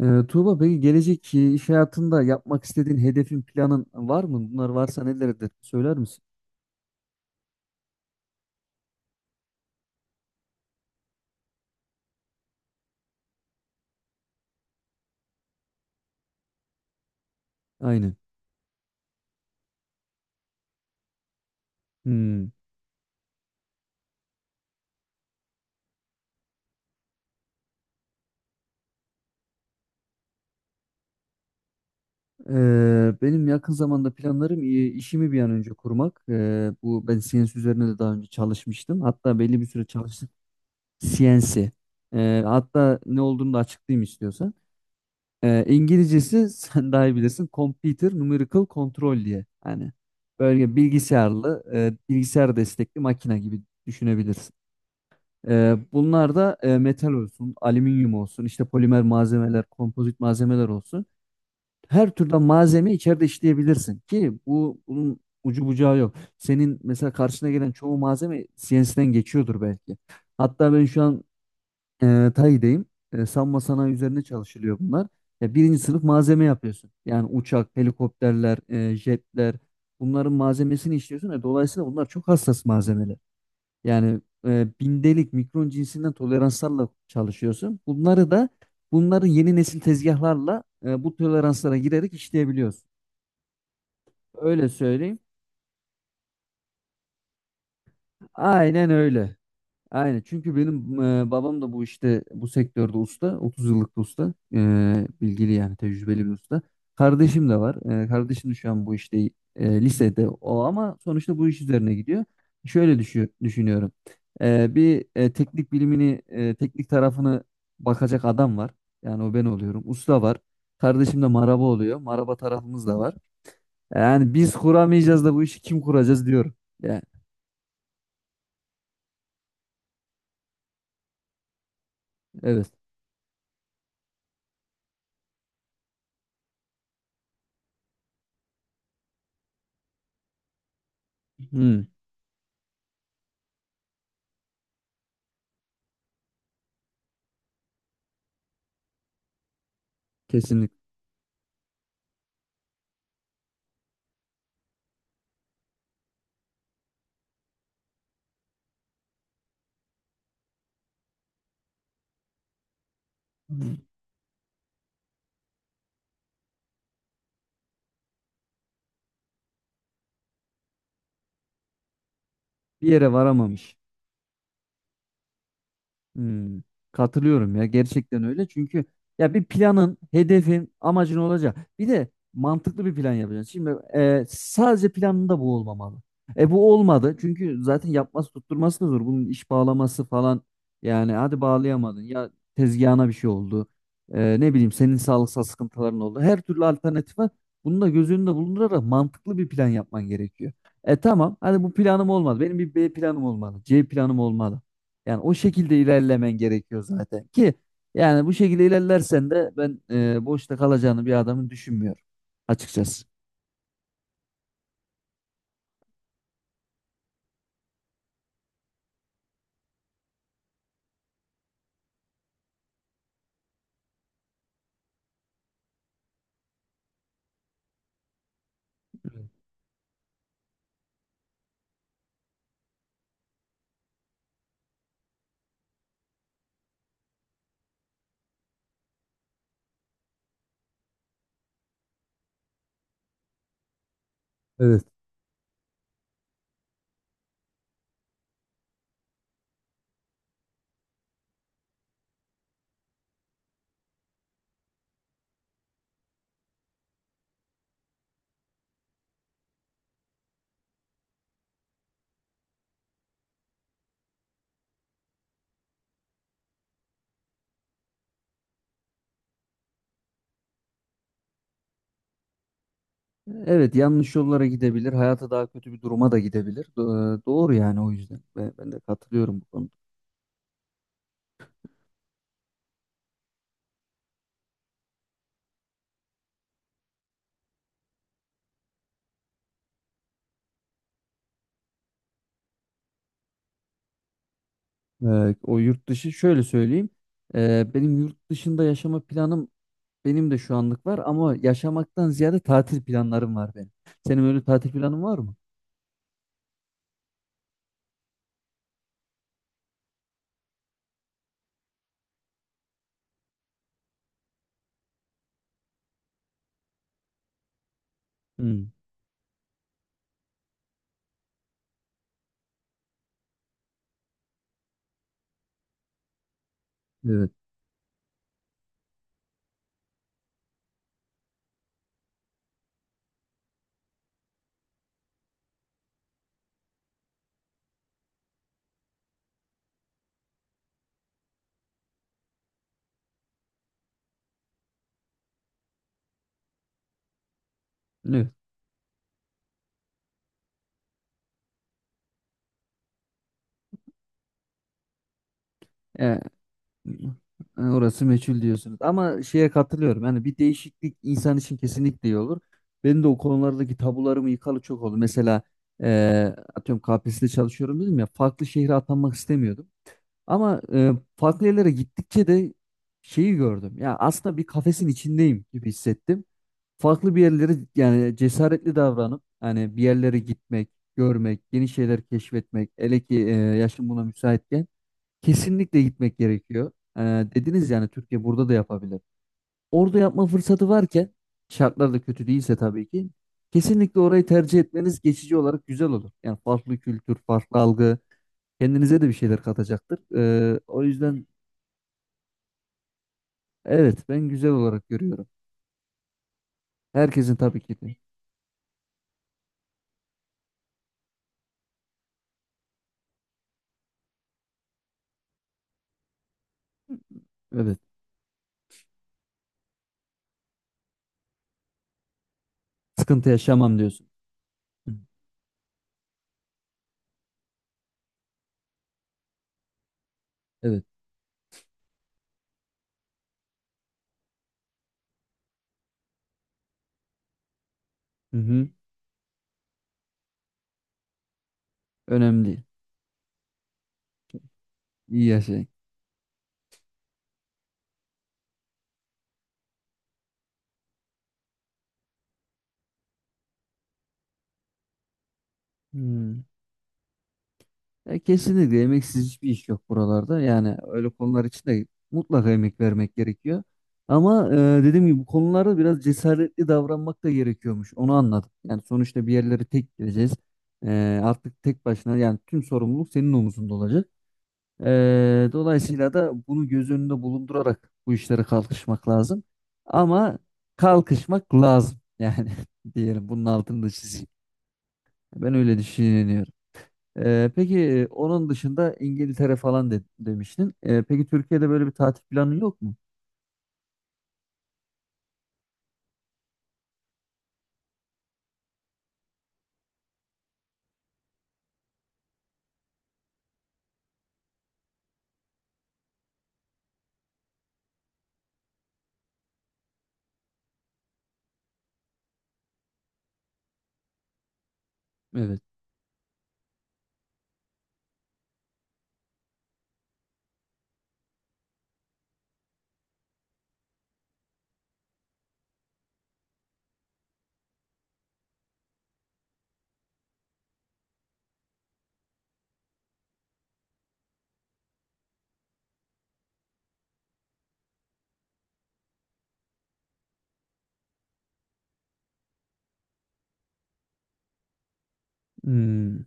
Tuğba peki gelecek iş hayatında yapmak istediğin hedefin planın var mı? Bunlar varsa nelerdir? Söyler misin? Aynen. Hmm. Benim yakın zamanda planlarım işimi bir an önce kurmak. Bu ben CNC üzerine de daha önce çalışmıştım. Hatta belli bir süre çalıştım. CNC. Hatta ne olduğunu da açıklayayım istiyorsan. İngilizcesi sen daha iyi bilirsin. Computer Numerical Control diye. Yani böyle bilgisayarlı, bilgisayar destekli makine gibi düşünebilirsin. Bunlar da metal olsun, alüminyum olsun, işte polimer malzemeler, kompozit malzemeler olsun. Her türden malzeme içeride işleyebilirsin ki bunun ucu bucağı yok. Senin mesela karşına gelen çoğu malzeme CNC'den geçiyordur belki. Hatta ben şu an TAI'deyim. Savunma sanayi üzerine çalışılıyor bunlar. Ya birinci sınıf malzeme yapıyorsun. Yani uçak, helikopterler, jetler bunların malzemesini işliyorsun. Dolayısıyla bunlar çok hassas malzemeler. Yani bindelik, mikron cinsinden toleranslarla çalışıyorsun. Bunları yeni nesil tezgahlarla bu toleranslara girerek işleyebiliyorsun. Öyle söyleyeyim. Aynen öyle. Aynen çünkü benim babam da bu işte bu sektörde usta, 30 yıllık bir usta. Bilgili yani tecrübeli bir usta. Kardeşim de var. Kardeşim de şu an bu işte, lisede o ama sonuçta bu iş üzerine gidiyor. Şöyle düşünüyorum. Bir teknik bilimini teknik tarafını bakacak adam var, yani o ben oluyorum, usta var, kardeşim de maraba oluyor, maraba tarafımız da var. Yani biz kuramayacağız da bu işi kim kuracağız diyorum. Yani, evet. Hmm, kesinlikle. Bir yere varamamış. Hmm, katılıyorum ya, gerçekten öyle çünkü ya bir planın, hedefin, amacın olacak. Bir de mantıklı bir plan yapacaksın. Şimdi sadece planında bu olmamalı. E bu olmadı çünkü zaten yapması tutturması da zor. Bunun iş bağlaması falan, yani hadi bağlayamadın, ya tezgahına bir şey oldu. Ne bileyim senin sağlıksal sıkıntıların oldu. Her türlü alternatif var. Bunu da göz önünde bulundurarak mantıklı bir plan yapman gerekiyor. E tamam, hadi bu planım olmadı. Benim bir B planım olmalı, C planım olmalı. Yani o şekilde ilerlemen gerekiyor zaten ki yani bu şekilde ilerlersen de ben boşta kalacağını bir adamın düşünmüyorum açıkçası. Evet. Evet, yanlış yollara gidebilir. Hayata daha kötü bir duruma da gidebilir. Doğru yani, o yüzden. Ben de katılıyorum bu konuda. O yurt dışı şöyle söyleyeyim. Benim yurt dışında yaşama planım. Benim de şu anlık var ama yaşamaktan ziyade tatil planlarım var benim. Senin öyle tatil planın var mı? Hmm, evet. Evet. E, orası meçhul diyorsunuz. Ama şeye katılıyorum. Yani bir değişiklik insan için kesinlikle iyi olur. Benim de o konulardaki tabularımı yıkalı çok oldu. Mesela e, atıyorum KPSS'de çalışıyorum dedim ya. Farklı şehre atanmak istemiyordum. Ama farklı yerlere gittikçe de şeyi gördüm. Ya aslında bir kafesin içindeyim gibi hissettim. Farklı bir yerlere yani cesaretli davranıp hani bir yerlere gitmek, görmek, yeni şeyler keşfetmek, hele ki yaşım buna müsaitken kesinlikle gitmek gerekiyor. Dediniz yani Türkiye burada da yapabilir. Orada yapma fırsatı varken şartlar da kötü değilse tabii ki kesinlikle orayı tercih etmeniz geçici olarak güzel olur. Yani farklı kültür, farklı algı kendinize de bir şeyler katacaktır. O yüzden evet, ben güzel olarak görüyorum. Herkesin tabii ki de. Evet. Sıkıntı yaşamam diyorsun. Hı, evet. Hı hı. Önemli değil. İyi yaşayın. Hmm. Ya kesinlikle emeksiz hiçbir iş yok buralarda. Yani öyle konular için de mutlaka emek vermek gerekiyor. Ama dediğim gibi bu konularda biraz cesaretli davranmak da gerekiyormuş. Onu anladım. Yani sonuçta bir yerlere tek gideceğiz. Artık tek başına yani tüm sorumluluk senin omuzunda olacak. Dolayısıyla da bunu göz önünde bulundurarak bu işlere kalkışmak lazım. Ama kalkışmak lazım. Yani diyelim, bunun altını da çizeyim. Ben öyle düşünüyorum. Peki onun dışında İngiltere falan demiştin. Peki Türkiye'de böyle bir tatil planı yok mu? Evet. Hmm.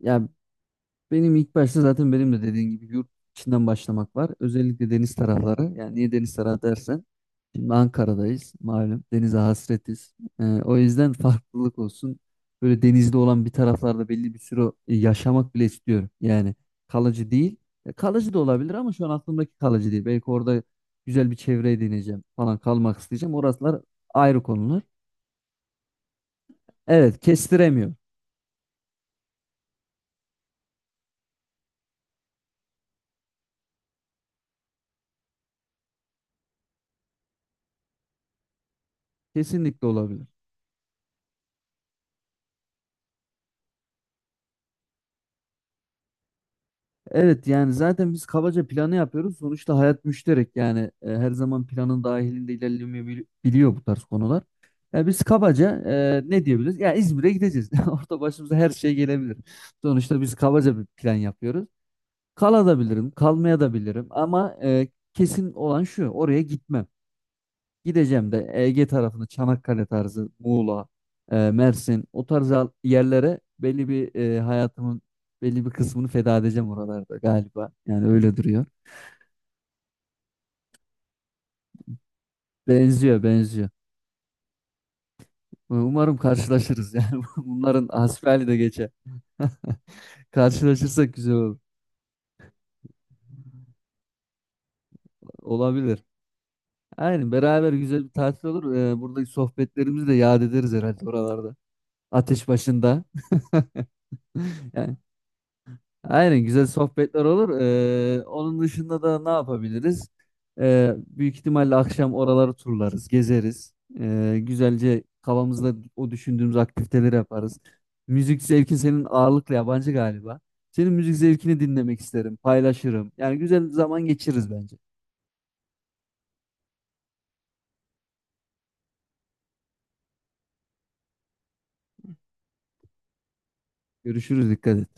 Ya benim ilk başta zaten benim de dediğin gibi yurt içinden başlamak var. Özellikle deniz tarafları. Yani niye deniz tarafı dersen, şimdi Ankara'dayız malum, denize hasretiz. O yüzden farklılık olsun. Böyle denizde olan bir taraflarda belli bir süre yaşamak bile istiyorum. Yani kalıcı değil. Kalıcı da olabilir ama şu an aklımdaki kalıcı değil. Belki orada güzel bir çevre edineceğim falan, kalmak isteyeceğim. Orasılar ayrı konular. Evet, kestiremiyor. Kesinlikle olabilir. Evet yani zaten biz kabaca planı yapıyoruz. Sonuçta hayat müşterek, yani her zaman planın dahilinde ilerlemeyebiliyor bu tarz konular. Ya biz kabaca ne diyebiliriz? Ya İzmir'e gideceğiz. Orada başımıza her şey gelebilir. Sonuçta biz kabaca bir plan yapıyoruz. Kalabilirim, kalmaya da bilirim ama kesin olan şu, oraya gitmem. Gideceğim de Ege tarafını, Çanakkale tarzı, Muğla, Mersin o tarz yerlere belli bir hayatımın belli bir kısmını feda edeceğim oralarda galiba. Yani öyle duruyor. Benziyor. Umarım karşılaşırız yani. Bunların hasbihali de geçer. Karşılaşırsak güzel olur. Olabilir. Aynen, beraber güzel bir tatil olur. Buradaki sohbetlerimizi de yad ederiz herhalde oralarda. Ateş başında. Yani aynen, güzel sohbetler olur. Onun dışında da ne yapabiliriz? Büyük ihtimalle akşam oraları turlarız, gezeriz. Güzelce kafamızda o düşündüğümüz aktiviteleri yaparız. Müzik zevkin senin ağırlıklı yabancı galiba. Senin müzik zevkini dinlemek isterim, paylaşırım. Yani güzel zaman geçiririz bence. Görüşürüz, dikkat et.